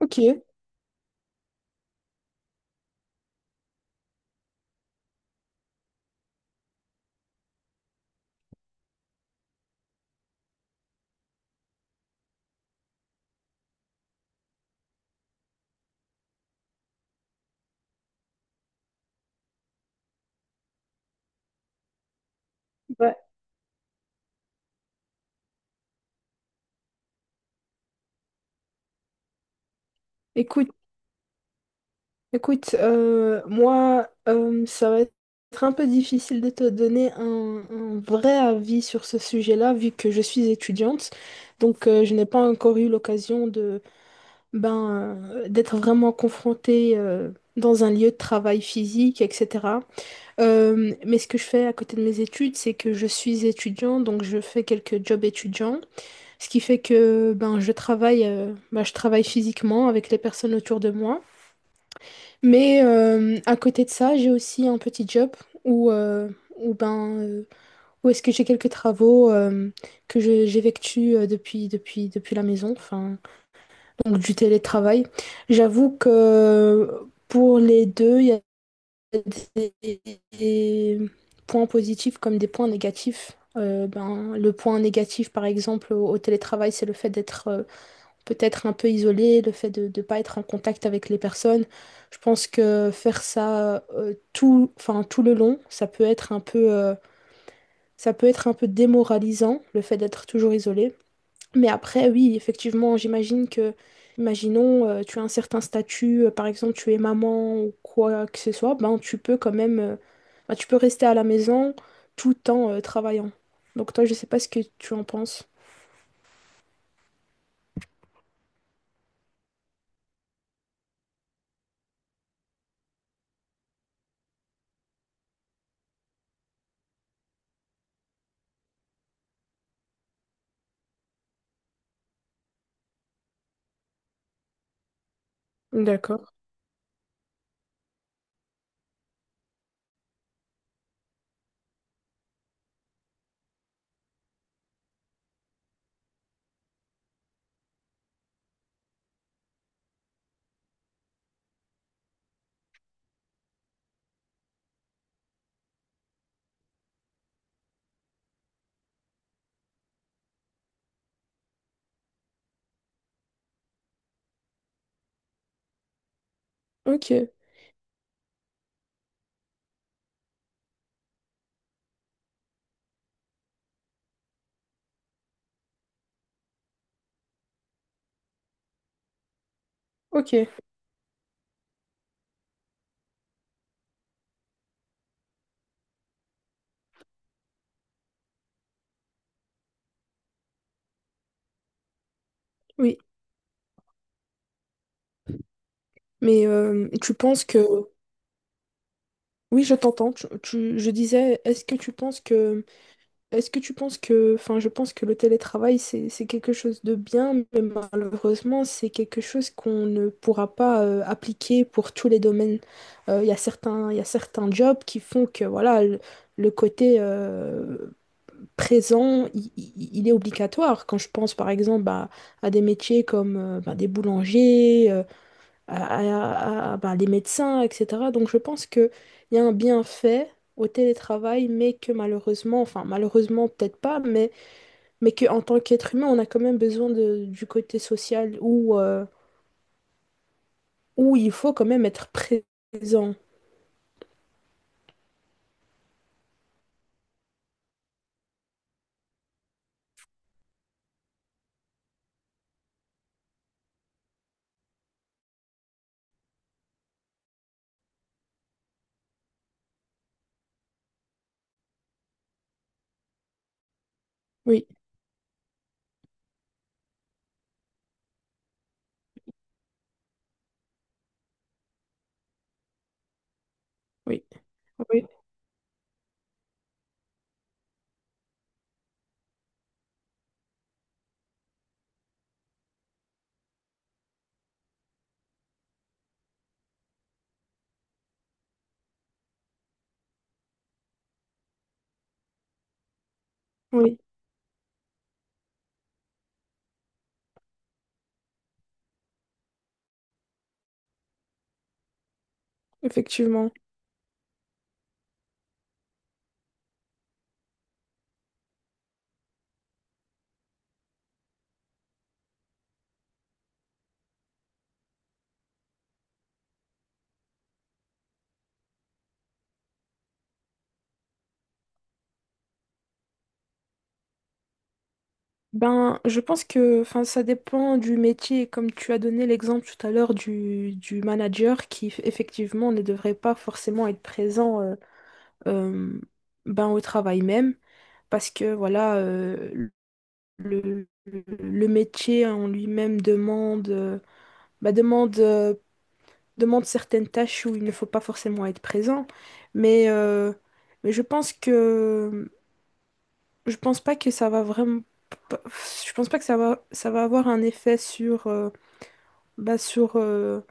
Ok, bah, écoute, écoute, moi, ça va être un peu difficile de te donner un vrai avis sur ce sujet-là, vu que je suis étudiante. Donc, je n'ai pas encore eu l'occasion de, ben, d'être vraiment confrontée, dans un lieu de travail physique, etc. Mais ce que je fais à côté de mes études, c'est que je suis étudiant, donc je fais quelques jobs étudiants, ce qui fait que, ben, je travaille, je travaille physiquement avec les personnes autour de moi. Mais à côté de ça, j'ai aussi un petit job où, où, ben, euh, où est-ce que j'ai quelques travaux j'effectue depuis la maison, enfin, donc du télétravail. J'avoue que pour les deux, il y a des, des points positifs comme des points négatifs. Ben, le point négatif, par exemple, au télétravail, c'est le fait d'être peut-être un peu isolé, le fait de ne pas être en contact avec les personnes. Je pense que faire ça tout, enfin, tout le long, ça peut être un peu, ça peut être un peu démoralisant, le fait d'être toujours isolé. Mais après, oui, effectivement, j'imagine que, imaginons, tu as un certain statut, par exemple, tu es maman ou quoi que ce soit, ben tu peux quand même, ben, tu peux rester à la maison tout en travaillant. Donc toi, je sais pas ce que tu en penses. D'accord. Ok, ok. Oui. Mais tu penses que oui, je t'entends. Je disais, est-ce que tu penses que, enfin, je pense que le télétravail c'est quelque chose de bien, mais malheureusement c'est quelque chose qu'on ne pourra pas appliquer pour tous les domaines. Il y a il y a certains jobs qui font que voilà le côté présent il est obligatoire. Quand je pense par exemple à des métiers comme ben, des boulangers, bah, les médecins, etc. Donc je pense qu'il y a un bienfait au télétravail, mais que malheureusement, enfin malheureusement peut-être pas, mais qu'en tant qu'être humain, on a quand même besoin du côté social où, où il faut quand même être présent. Oui, oui, oui, oui, effectivement. Ben, je pense que enfin, ça dépend du métier. Comme tu as donné l'exemple tout à l'heure du manager qui, effectivement, ne devrait pas forcément être présent euh, ben, au travail même, parce que voilà, le métier en lui-même demande, demande, demande certaines tâches où il ne faut pas forcément être présent. Mais, euh, mais je pense que je pense pas que ça va vraiment, je pense pas que ça va avoir un effet sur, bah, sur, euh,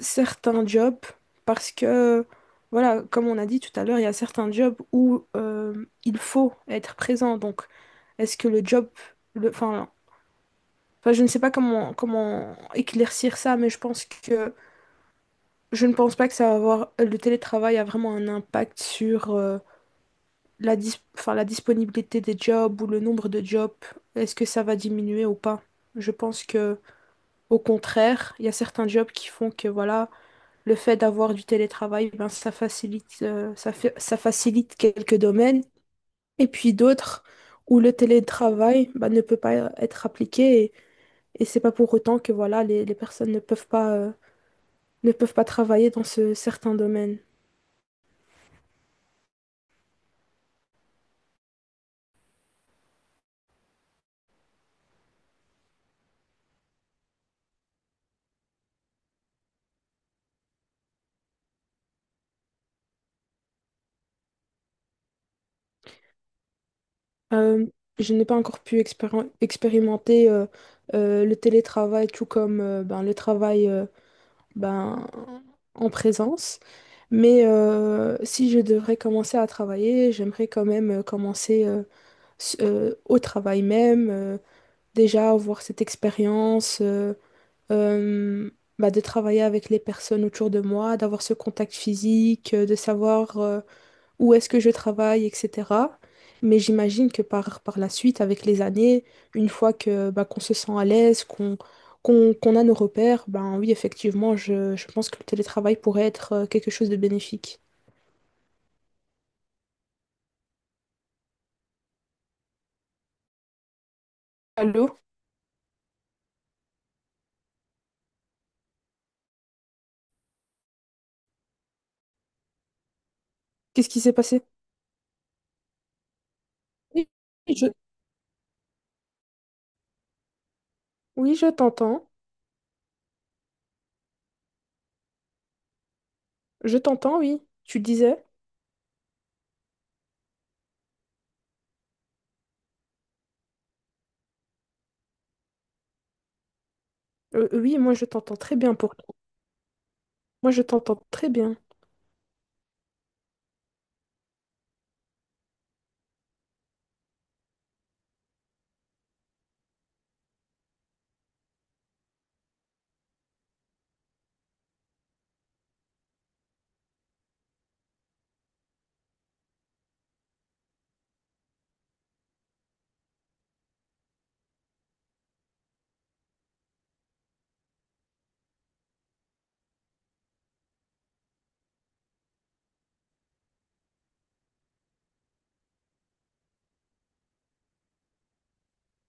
certains jobs parce que, voilà, comme on a dit tout à l'heure, il y a certains jobs où il faut être présent. Donc, est-ce que le job, le, enfin, enfin, je ne sais pas comment, comment éclaircir ça, mais je ne pense pas que ça va avoir, le télétravail a vraiment un impact sur enfin, la disponibilité des jobs ou le nombre de jobs. Est-ce que ça va diminuer ou pas? Je pense que, au contraire, il y a certains jobs qui font que, voilà. Le fait d'avoir du télétravail, ben, ça facilite, ça facilite quelques domaines. Et puis d'autres où le télétravail, ben, ne peut pas être appliqué et c'est pas pour autant que voilà, les personnes ne peuvent pas, ne peuvent pas travailler dans ce certain domaine. Euh, je n'ai pas encore pu expérimenter le télétravail tout comme ben, le travail ben, en présence. Mais si je devrais commencer à travailler, j'aimerais quand même commencer au travail même, déjà avoir cette expérience euh, de travailler avec les personnes autour de moi, d'avoir ce contact physique, de savoir où est-ce que je travaille, etc. Mais j'imagine que par, par la suite, avec les années, une fois que bah, qu'on se sent à l'aise, qu'on, qu'on a nos repères, ben oui, effectivement, je pense que le télétravail pourrait être quelque chose de bénéfique. Allô? Qu'est-ce qui s'est passé? Oui, je, oui, je t'entends. Je t'entends, oui. Tu disais? Oui, moi je t'entends très bien pour toi. Moi je t'entends très bien.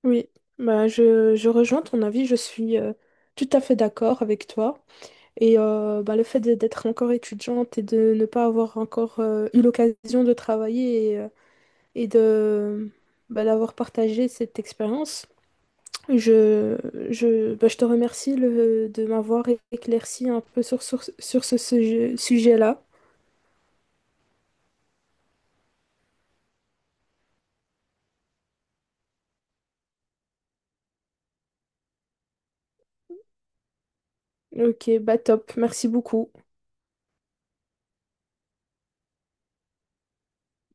Oui, bah, je rejoins ton avis, je suis tout à fait d'accord avec toi. Et bah, le fait d'être encore étudiante et de ne pas avoir encore eu l'occasion de travailler et de bah, d'avoir partagé cette expérience, je, bah, je te remercie de m'avoir éclairci un peu sur, sur ce sujet-là. Ok, bah top, merci beaucoup.